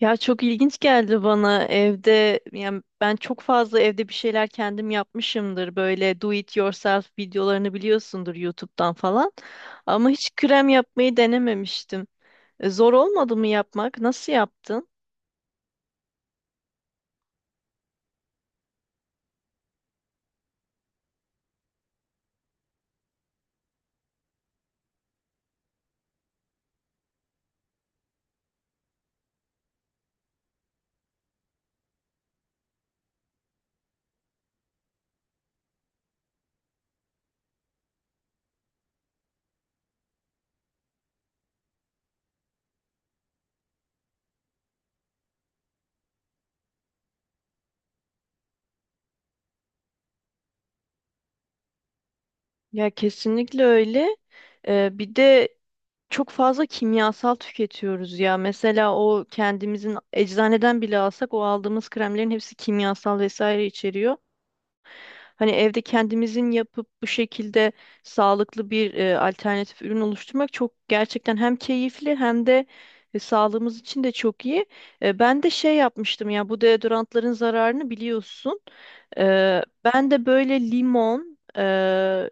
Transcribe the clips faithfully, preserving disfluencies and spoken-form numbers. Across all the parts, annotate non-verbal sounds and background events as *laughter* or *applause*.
Ya çok ilginç geldi bana evde, yani ben çok fazla evde bir şeyler kendim yapmışımdır, böyle do it yourself videolarını biliyorsundur, YouTube'dan falan, ama hiç krem yapmayı denememiştim. E, zor olmadı mı yapmak? Nasıl yaptın? Ya kesinlikle öyle. E, bir de çok fazla kimyasal tüketiyoruz ya, mesela o kendimizin eczaneden bile alsak o aldığımız kremlerin hepsi kimyasal vesaire içeriyor. Hani evde kendimizin yapıp bu şekilde sağlıklı bir e, alternatif ürün oluşturmak çok gerçekten hem keyifli hem de e, sağlığımız için de çok iyi. E, ben de şey yapmıştım ya, bu deodorantların zararını biliyorsun. E, ben de böyle limon, e,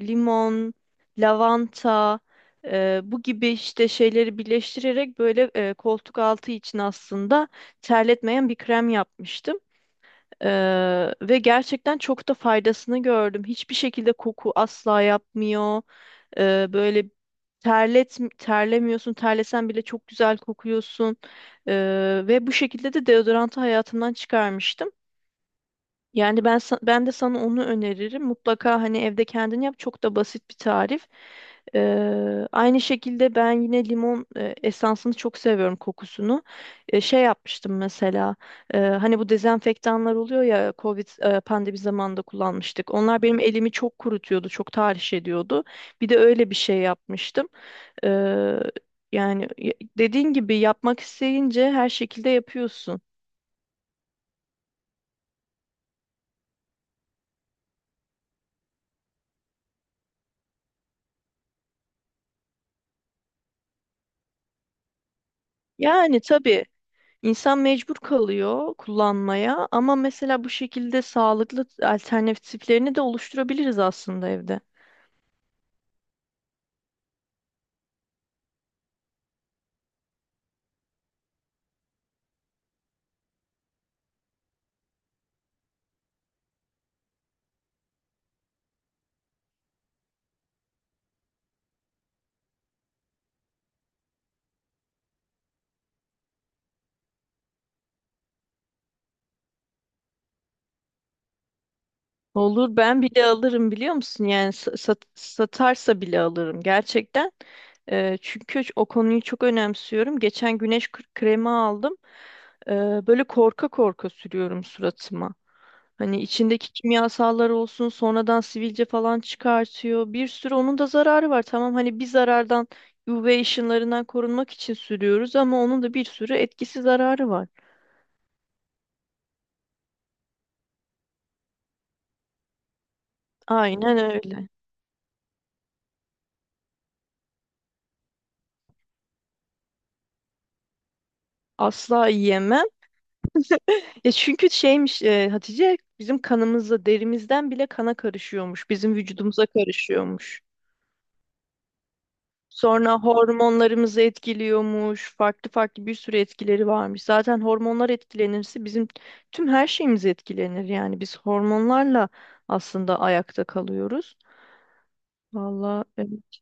limon, lavanta, e, bu gibi işte şeyleri birleştirerek, böyle e, koltuk altı için aslında terletmeyen bir krem yapmıştım. Eee, ve gerçekten çok da faydasını gördüm. Hiçbir şekilde koku asla yapmıyor. Eee, böyle terlet terlemiyorsun. Terlesen bile çok güzel kokuyorsun. Eee, ve bu şekilde de deodorantı hayatımdan çıkarmıştım. Yani ben sa- ben de sana onu öneririm. Mutlaka hani evde kendin yap. Çok da basit bir tarif. Ee, aynı şekilde ben yine limon e, esansını çok seviyorum, kokusunu. E, şey yapmıştım mesela. E, hani bu dezenfektanlar oluyor ya, Covid e, pandemi zamanında kullanmıştık. Onlar benim elimi çok kurutuyordu, çok tahriş ediyordu. Bir de öyle bir şey yapmıştım. Ee, Yani y- dediğin gibi yapmak isteyince her şekilde yapıyorsun. Yani tabii, İnsan mecbur kalıyor kullanmaya, ama mesela bu şekilde sağlıklı alternatiflerini de oluşturabiliriz aslında evde. Olur, ben bile alırım biliyor musun? Yani sa- sat- satarsa bile alırım gerçekten. Eee, çünkü o konuyu çok önemsiyorum. Geçen güneş kr- kremi aldım. Eee, böyle korka korka sürüyorum suratıma. Hani içindeki kimyasallar olsun, sonradan sivilce falan çıkartıyor. Bir sürü onun da zararı var. Tamam, hani bir zarardan, U V ışınlarından korunmak için sürüyoruz, ama onun da bir sürü etkisi, zararı var. Aynen öyle. Asla yiyemem. Ya çünkü şeymiş, e, Hatice, bizim kanımızla derimizden bile kana karışıyormuş. Bizim vücudumuza karışıyormuş. Sonra hormonlarımızı etkiliyormuş. Farklı farklı bir sürü etkileri varmış. Zaten hormonlar etkilenirse bizim tüm her şeyimiz etkilenir. Yani biz hormonlarla aslında ayakta kalıyoruz. Vallahi evet.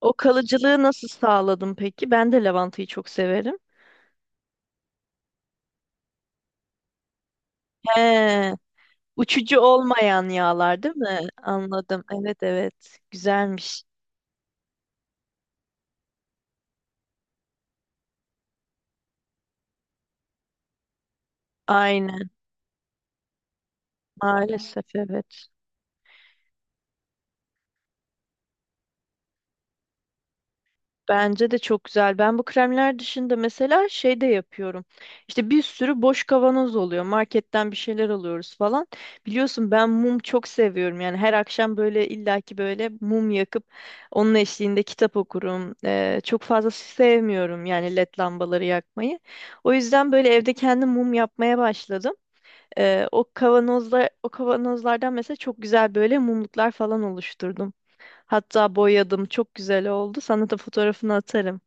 O kalıcılığı nasıl sağladım peki? Ben de lavantayı çok severim. He, uçucu olmayan yağlar değil mi? Anladım. Evet, evet. Güzelmiş. Aynen. Maalesef evet. Bence de çok güzel. Ben bu kremler dışında mesela şey de yapıyorum. İşte bir sürü boş kavanoz oluyor. Marketten bir şeyler alıyoruz falan. Biliyorsun ben mum çok seviyorum. Yani her akşam böyle illaki böyle mum yakıp onun eşliğinde kitap okurum. Ee, çok fazla sevmiyorum yani led lambaları yakmayı. O yüzden böyle evde kendim mum yapmaya başladım. Ee, o kavanozlar, o kavanozlardan mesela çok güzel böyle mumluklar falan oluşturdum. Hatta boyadım. Çok güzel oldu. Sana da fotoğrafını atarım.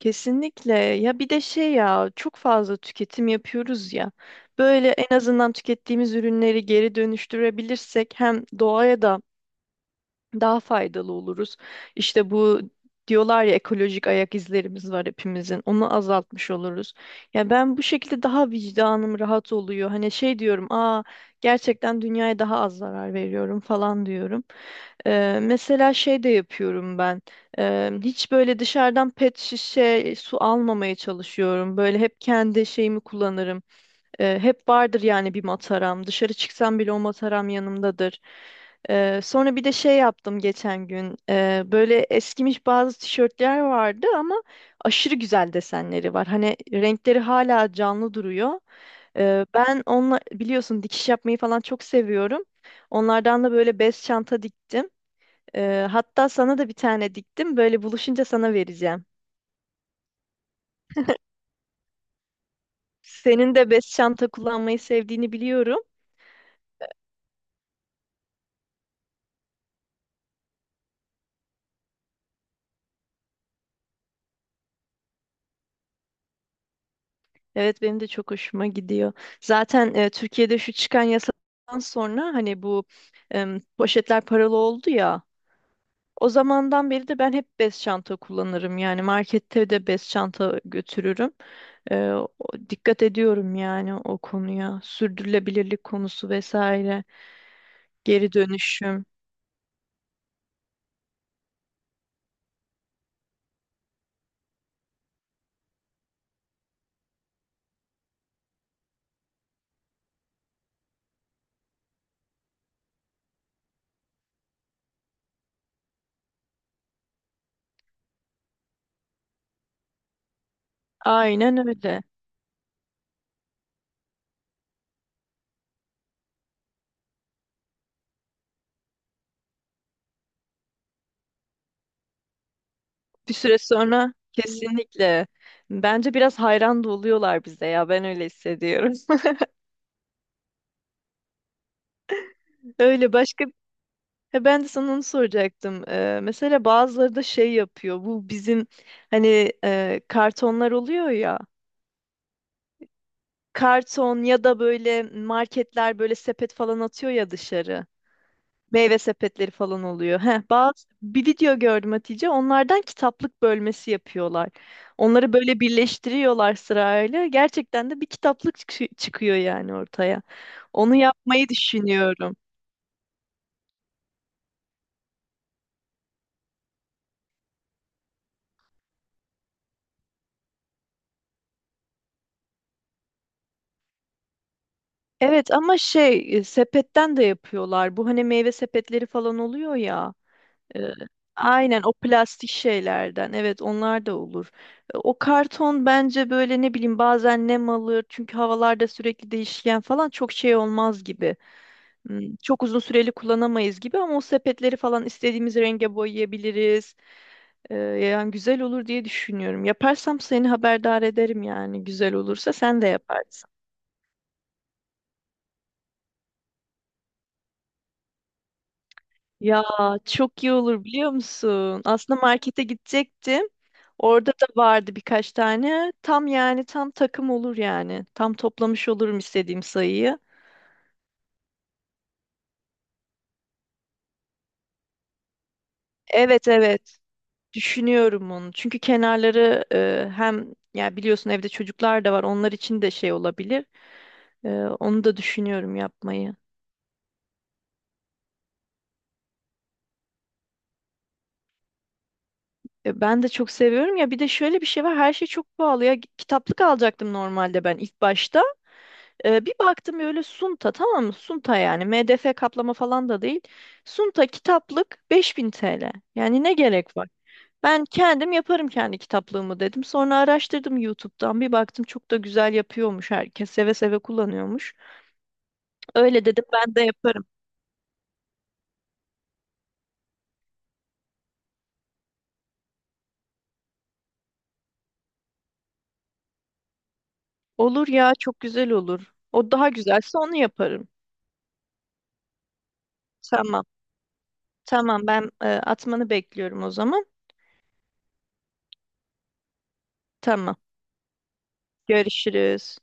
Kesinlikle. Ya bir de şey ya, çok fazla tüketim yapıyoruz ya. Böyle en azından tükettiğimiz ürünleri geri dönüştürebilirsek hem doğaya da daha faydalı oluruz. İşte bu diyorlar ya, ekolojik ayak izlerimiz var hepimizin. Onu azaltmış oluruz. Ya ben bu şekilde daha vicdanım rahat oluyor. Hani şey diyorum, aa, gerçekten dünyaya daha az zarar veriyorum falan diyorum. Ee, mesela şey de yapıyorum ben. Ee, hiç böyle dışarıdan pet şişe su almamaya çalışıyorum. Böyle hep kendi şeyimi kullanırım. E, hep vardır yani bir mataram. Dışarı çıksam bile o mataram yanımdadır. E, sonra bir de şey yaptım geçen gün. E, böyle eskimiş bazı tişörtler vardı, ama aşırı güzel desenleri var. Hani renkleri hala canlı duruyor. E, ben onunla, biliyorsun, dikiş yapmayı falan çok seviyorum. Onlardan da böyle bez çanta diktim. E, hatta sana da bir tane diktim. Böyle buluşunca sana vereceğim. Senin de bez çanta kullanmayı sevdiğini biliyorum. Evet, benim de çok hoşuma gidiyor. Zaten e, Türkiye'de şu çıkan yasadan sonra hani bu em, poşetler paralı oldu ya. O zamandan beri de ben hep bez çanta kullanırım. Yani markette de bez çanta götürürüm. E, o- Dikkat ediyorum yani o konuya. Sürdürülebilirlik konusu vesaire. Geri dönüşüm. Aynen öyle. Bir süre sonra kesinlikle. Bence biraz hayran da oluyorlar bize ya. Ben öyle hissediyorum. *laughs* Öyle başka. Ya ben de sana onu soracaktım. Ee, mesela bazıları da şey yapıyor. Bu bizim hani e, kartonlar oluyor ya. Karton, ya da böyle marketler böyle sepet falan atıyor ya dışarı. Meyve sepetleri falan oluyor. Heh, bazı bir video gördüm Hatice. Onlardan kitaplık bölmesi yapıyorlar. Onları böyle birleştiriyorlar sırayla. Gerçekten de bir kitaplık çıkı- çıkıyor yani ortaya. Onu yapmayı düşünüyorum. Evet, ama şey, e, sepetten de yapıyorlar. Bu hani meyve sepetleri falan oluyor ya. e, aynen, o plastik şeylerden. Evet, onlar da olur. E, O karton bence böyle, ne bileyim, bazen nem alır. Çünkü havalarda sürekli değişken falan, çok şey olmaz gibi. Hmm, Çok uzun süreli kullanamayız gibi, ama o sepetleri falan istediğimiz renge boyayabiliriz. E, yani güzel olur diye düşünüyorum. Yaparsam seni haberdar ederim, yani güzel olursa sen de yaparsın. Ya çok iyi olur biliyor musun? Aslında markete gidecektim. Orada da vardı birkaç tane. Tam yani, tam takım olur yani. Tam toplamış olurum istediğim sayıyı. Evet, evet. Düşünüyorum onu. Çünkü kenarları, e, hem ya biliyorsun evde çocuklar da var. Onlar için de şey olabilir. E, Onu da düşünüyorum yapmayı. E, ben de çok seviyorum ya. Bir de şöyle bir şey var. Her şey çok pahalı ya. Kitaplık alacaktım normalde ben ilk başta. Ee, bir baktım öyle Sunta, tamam mı? Sunta, yani M D F kaplama falan da değil. Sunta kitaplık beş bin T L. Yani ne gerek var? Ben kendim yaparım kendi kitaplığımı dedim. Sonra araştırdım YouTube'dan. Bir baktım, çok da güzel yapıyormuş herkes. Seve seve kullanıyormuş. Öyle dedim, ben de yaparım. Olur ya, çok güzel olur. O daha güzelse onu yaparım. Tamam. Tamam, ben e, atmanı bekliyorum o zaman. Tamam. Görüşürüz.